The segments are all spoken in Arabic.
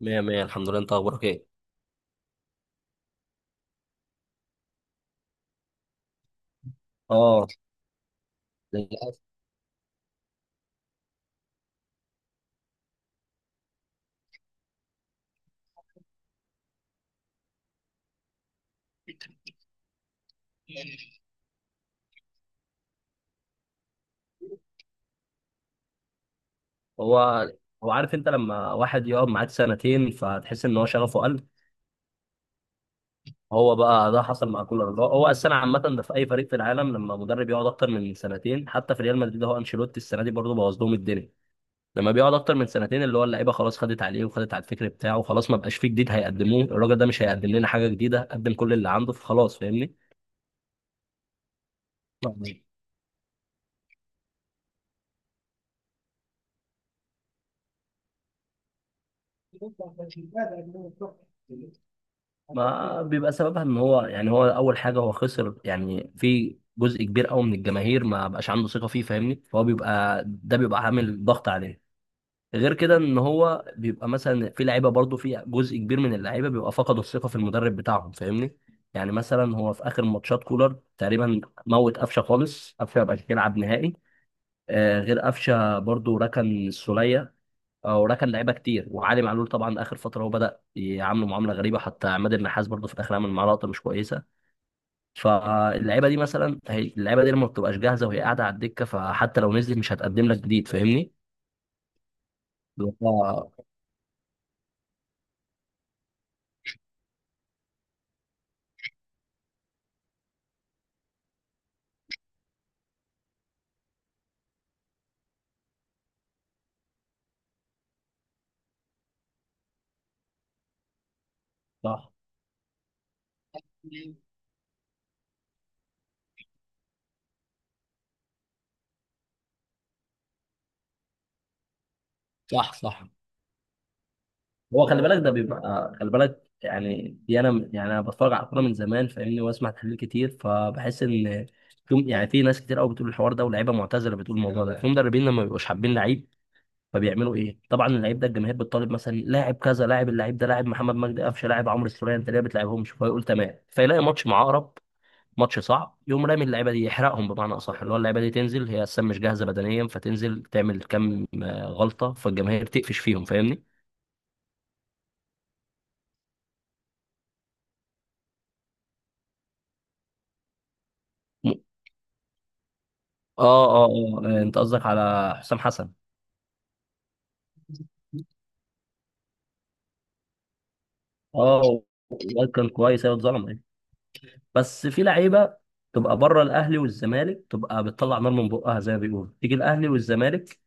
مية مية الحمد لله، انت اخبارك ايه؟ اه، للاسف. هو هو عارف انت، لما واحد يقعد معاك سنتين فتحس ان هو شغفه قل. هو بقى ده حصل مع كولر. هو السنه عامه ده في اي فريق في العالم، لما مدرب يقعد اكتر من سنتين. حتى في ريال مدريد، هو انشيلوتي السنه دي برضه بوظ لهم الدنيا. لما بيقعد اكتر من سنتين اللي هو اللعيبه خلاص خدت عليه وخدت على الفكر بتاعه، خلاص ما بقاش فيه جديد هيقدموه. الراجل ده مش هيقدم لنا حاجه جديده، قدم كل اللي عنده فخلاص. فاهمني؟ ما بيبقى سببها ان هو، يعني هو اول حاجه هو خسر يعني في جزء كبير قوي من الجماهير، ما بقاش عنده ثقه فيه فاهمني، فهو بيبقى ده بيبقى عامل ضغط عليه. غير كده ان هو بيبقى مثلا في لعيبه برضه، في جزء كبير من اللعيبه بيبقى فقدوا الثقه في المدرب بتاعهم فاهمني. يعني مثلا هو في اخر ماتشات كولر تقريبا موت قفشه خالص، قفشه ما بقاش يلعب نهائي. آه غير قفشه برضه ركن السوليه. اه، وراه كان لعيبه كتير وعلي معلول. طبعا اخر فتره هو بدا يعامله معامله غريبه، حتى عماد النحاس برضه في الاخر عمل معاه لقطه مش كويسه. فاللعيبه دي مثلا، هي اللعيبه دي لما بتبقاش جاهزه وهي قاعده على الدكه، فحتى لو نزلت مش هتقدم لك جديد. فاهمني؟ اه، صح، صح، صح. هو خلي بالك ده بيبقى، خلي بالك يعني دي، انا بتفرج على الكوره من زمان فاهمني، واسمع تحليل كتير، فبحس ان في، يعني في ناس كتير قوي بتقول الحوار ده، ولاعيبه معتزله بتقول الموضوع ده، في مدربين لما بيبقوش حابين لعيب فبيعملوا ايه؟ طبعا اللعيب ده الجماهير بتطالب مثلا، لاعب كذا لاعب، اللعيب ده لاعب، محمد مجدي قفشه لاعب، عمرو السولية، انت ليه ما بتلعبهمش؟ فيقول تمام، فيلاقي ماتش مع عقرب، ماتش صعب، يقوم رامي اللعيبه دي يحرقهم. بمعنى اصح، اللي هو اللعيبه دي تنزل هي اصلا مش جاهزه بدنيا، فتنزل تعمل كم غلطه، فالجماهير تقفش فيهم فاهمني. م- انت قصدك على حسام حسن. اه، الواد كان كويس، ايوه اتظلم أيوة. بس في لعيبه تبقى بره الاهلي والزمالك، تبقى بتطلع نار من بقها زي ما بيقولوا، تيجي الاهلي والزمالك،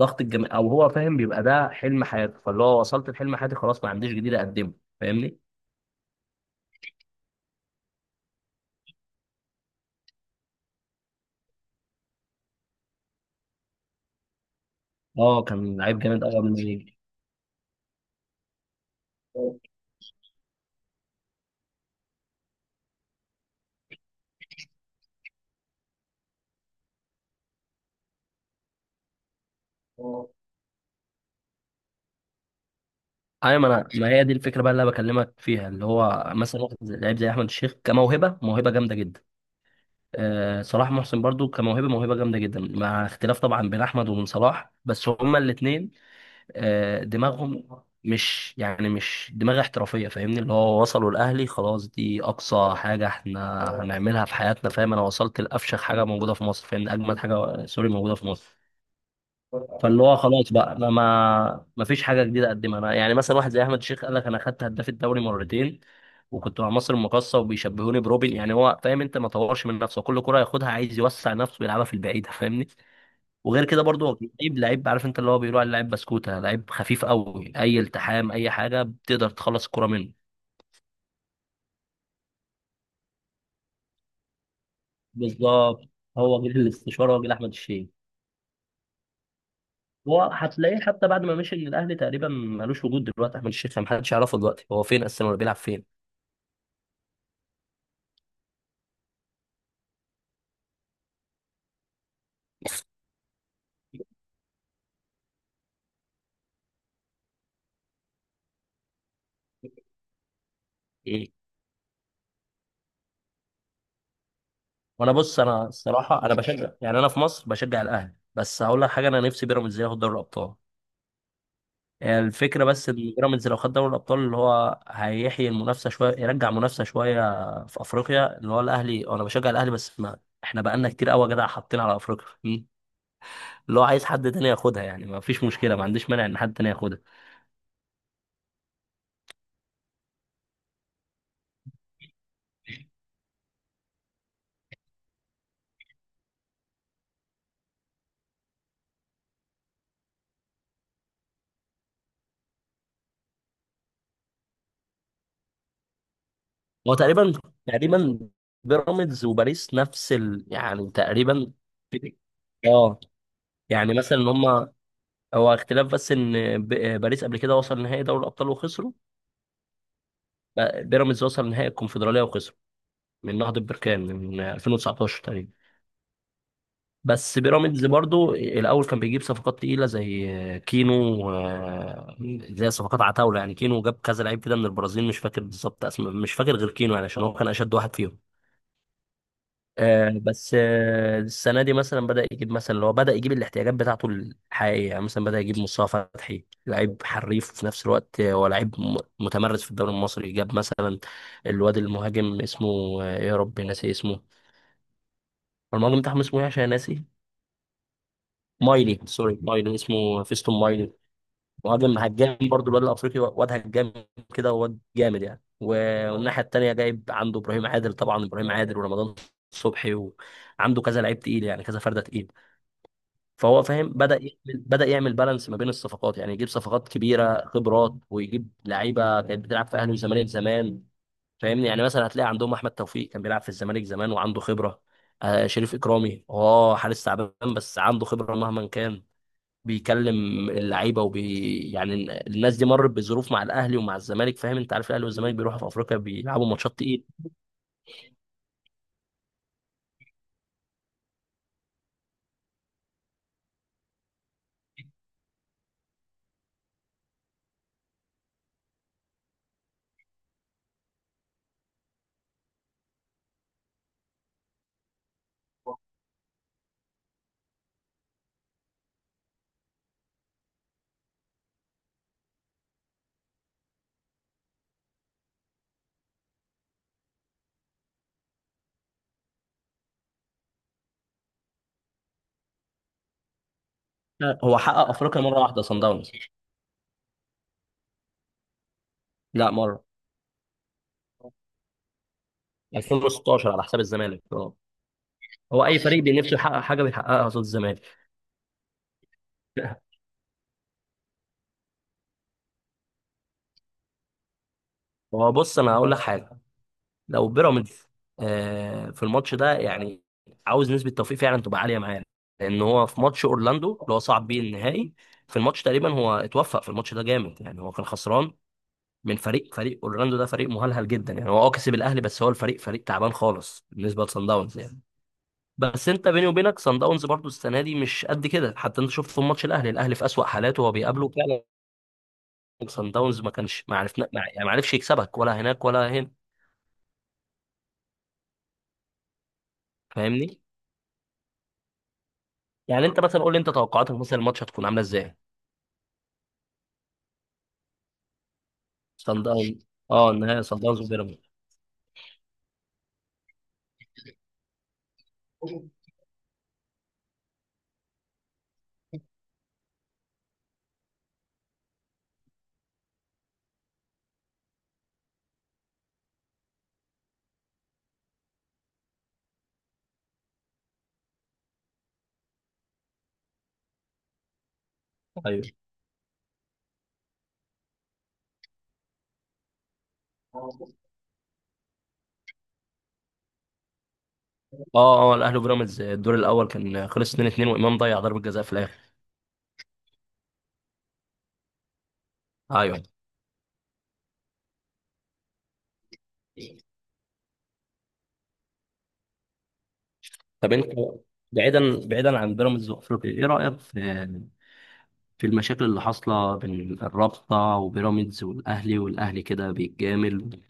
ضغط الجامعة، او هو فاهم بيبقى ده حلم حياته، فاللي هو وصلت لحلم حياتي خلاص، ما عنديش جديد اقدمه. فاهمني. اه، كان لعيب جامد قوي قبل ما يجي. ايوه، ما انا ما هي دي الفكره بقى اللي انا بكلمك فيها، اللي هو مثلا واحد لعيب زي احمد الشيخ، كموهبه موهبه جامده جدا. آه صلاح محسن برضو كموهبه موهبه جامده جدا، مع اختلاف طبعا بين احمد وبين صلاح، بس هما الاثنين دماغهم مش، يعني مش دماغ احترافية فاهمني. اللي هو وصلوا الأهلي، خلاص دي أقصى حاجة احنا هنعملها في حياتنا، فاهم، أنا وصلت لأفشخ حاجة موجودة في مصر فاهمني، أجمد حاجة سوري موجودة في مصر. فاللي هو خلاص بقى، أنا ما فيش حاجة جديدة أقدمها. أنا يعني مثلا واحد زي أحمد الشيخ قال لك، أنا خدت هداف الدوري مرتين وكنت مع مصر المقاصة وبيشبهوني بروبن، يعني هو فاهم. أنت ما طورش من نفسه، كل كرة ياخدها عايز يوسع نفسه ويلعبها في البعيدة فاهمني. وغير كده برضو هو لعيب، عارف انت اللي هو بيقولوا عليه لعيب بسكوته، لعيب خفيف قوي، اي التحام اي حاجه بتقدر تخلص الكره منه. بالظبط. هو جيل الاستشوار، هو جيل احمد الشيخ. هو هتلاقيه حتى بعد ما مشي من الاهلي تقريبا ملوش وجود، دلوقتي احمد الشيخ محدش يعرفه دلوقتي هو فين اصلا ولا بيلعب فين. إيه. وانا بص، انا الصراحه انا بشجع، يعني انا في مصر بشجع الاهلي، بس هقول لك حاجه، انا نفسي بيراميدز ياخد دوري الابطال. يعني الفكرة بس إن بيراميدز لو خد دوري الأبطال، اللي هو هيحيي المنافسة شوية، يرجع منافسة شوية في أفريقيا. اللي هو الأهلي، أنا بشجع الأهلي، بس ما إحنا بقالنا كتير قوي يا جدع حاطين على أفريقيا. مم. اللي هو عايز حد تاني ياخدها يعني، ما فيش مشكلة، ما عنديش مانع إن حد تاني ياخدها. هو تقريبا بيراميدز وباريس نفس ال، يعني تقريبا في- اه. يعني مثلا إن هما، هو اختلاف بس إن باريس قبل كده وصل نهائي دوري الأبطال وخسروا. بيراميدز وصل نهائي الكونفدرالية وخسر من نهضة بركان، من 2019 تقريبا. بس بيراميدز برضو الأول كان بيجيب صفقات تقيلة زي كينو و- زي صفقات عتاولة. يعني كينو جاب كذا لعيب كده من البرازيل، مش فاكر بالظبط اسمه، مش فاكر غير كينو، يعني عشان هو كان أشد واحد فيهم. بس السنة دي مثلا بدأ يجيب مثلا، اللي هو بدأ يجيب الاحتياجات بتاعته الحقيقية. يعني مثلا بدأ يجيب مصطفى فتحي لعيب حريف في نفس الوقت، هو لعيب متمرس في الدوري المصري. جاب مثلا الواد المهاجم اسمه، يا ربي ناسي اسمه، المهاجم بتاعهم اسمه ايه عشان ناسي، مايلي سوري مايلي، اسمه فيستون مايلي. مهاجم هجام برضو، الواد الافريقي واد هجام كده، واد جامد يعني. والناحيه التانيه جايب عنده ابراهيم عادل، طبعا ابراهيم عادل ورمضان صبحي، وعنده كذا لعيب تقيل يعني، كذا فرده تقيل. فهو فاهم، بدا يعمل بالانس ما بين الصفقات. يعني يجيب صفقات كبيره خبرات، ويجيب لعيبه كانت بتلعب في اهلي والزمالك زمان. فاهمني. يعني مثلا هتلاقي عندهم احمد توفيق كان بيلعب في الزمالك زمان وعنده خبره، آه شريف اكرامي، اه حارس تعبان بس عنده خبره مهما كان، بيكلم اللعيبه وبي، يعني الناس دي مرت بظروف مع الاهلي ومع الزمالك فاهم. انت عارف الاهلي والزمالك بيروحوا في افريقيا بيلعبوا ماتشات تقيل. هو حقق افريقيا مره واحده صن داونز. لا مره، 2016 على حساب الزمالك اه. هو اي فريق بنفسه يحقق حاجه بيحققها قصاد الزمالك. هو بص انا هقول لك حاجه. لو بيراميدز في الماتش ده يعني، عاوز نسبه توفيق فعلا تبقى عاليه معاه. لان هو في ماتش اورلاندو اللي هو صعب بيه النهائي، في الماتش تقريبا هو اتوفق في الماتش ده جامد. يعني هو كان خسران من فريق اورلاندو، ده فريق مهلهل جدا. يعني هو اه كسب الاهلي، بس هو الفريق فريق تعبان خالص بالنسبه لصن داونز. يعني بس انت بيني وبينك، صن داونز برضو السنه دي مش قد كده، حتى انت شفت في ماتش الاهلي، الاهلي في اسوأ حالاته وهو بيقابله فعلا. صن داونز ما كانش، ما عرفنا ما، يعني ما عرفش يكسبك ولا هناك ولا هنا. فاهمني. يعني انت مثلا قول لي، انت توقعاتك مثلا الماتش هتكون عامله ازاي؟ صن داونز، اه النهائي صن داونز وبيراميدز. ايوه. اه اه الاهلي وبيراميدز الدور الاول كان خلص 2-2، وامام ضيع ضربه جزاء في الاخر. ايوه. طب انت، بعيدا بعيدا عن بيراميدز وافريقيا، ايه رايك في في المشاكل اللي حاصله بين الرابطه وبيراميدز والاهلي، والاهلي كده بيتجامل.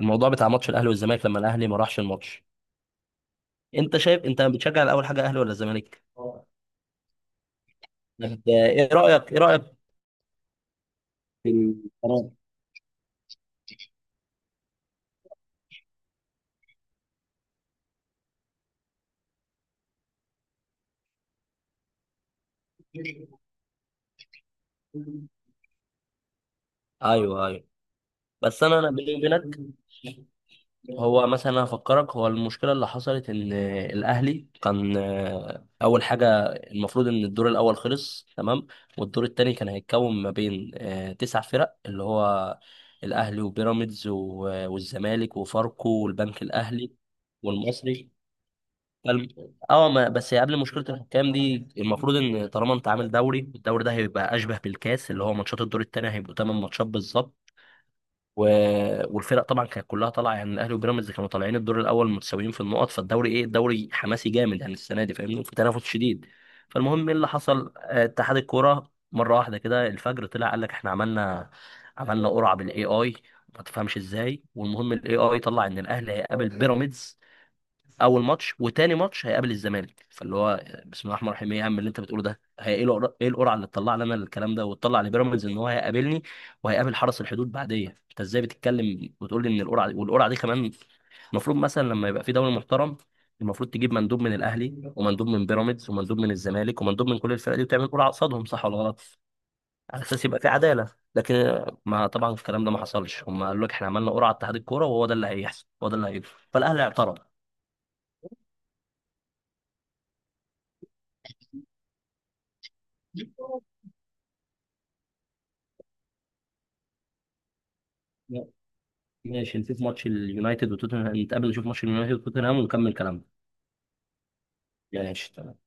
الموضوع بتاع ماتش الاهلي والزمالك لما الاهلي ما راحش الماتش، انت شايف، انت بتشجع الاول حاجه اهلي ولا زمالك؟ اه، انت ايه رايك، ايه رايك في القرار؟ ايوه، ايوه. بس انا بيني وبينك، هو مثلا انا افكرك، هو المشكله اللي حصلت ان الاهلي كان، اول حاجه المفروض ان الدور الاول خلص تمام، والدور الثاني كان هيتكون ما بين تسع فرق، اللي هو الاهلي وبيراميدز والزمالك وفاركو والبنك الاهلي والمصري. فالم- اه ما بس قبل مشكله الحكام دي، المفروض ان طالما انت عامل دوري، الدوري ده هيبقى اشبه بالكاس، اللي هو ماتشات الدور الثاني هيبقوا 8 ماتشات بالظبط. و... والفرق طبعا كانت كلها طالعه، يعني الاهلي وبيراميدز كانوا طالعين الدور الاول متساويين في النقط، فالدوري ايه، الدوري حماسي جامد يعني السنه دي فاهمني، في تنافس شديد. فالمهم ايه اللي حصل، اتحاد الكوره مره واحده كده الفجر طلع قال لك، احنا عملنا قرعه بالاي اي، ما تفهمش ازاي. والمهم الاي اي طلع ان الاهلي هيقابل بيراميدز اول ماتش، وتاني ماتش هيقابل الزمالك. فاللي هو بسم الله الرحمن الرحيم، ايه يا عم اللي انت بتقوله ده؟ هي ايه القرعه، ايه القرعه اللي تطلع لنا الكلام ده، وتطلع لبيراميدز ان هو هيقابلني وهيقابل حرس الحدود بعديه؟ انت ازاي بتتكلم وتقول لي ان القرعه دي، والقرعه دي كمان. المفروض مثلا لما يبقى في دوري محترم، المفروض تجيب مندوب من الاهلي ومندوب من بيراميدز ومندوب من الزمالك ومندوب من كل الفرق دي، وتعمل قرعه قصادهم، صح ولا غلط؟ على اساس يبقى في عداله. لكن ما طبعا الكلام ده ما حصلش، هم قالوا لك احنا عملنا قرعه اتحاد الكوره، وهو ده اللي هيحصل هو ده اللي هيجري، فالاهلي اعترض. ماشي نشوف ماتش اليونايتد وتوتنهام، نتقابل نشوف ماتش اليونايتد وتوتنهام ونكمل كلامنا. ماشي تمام.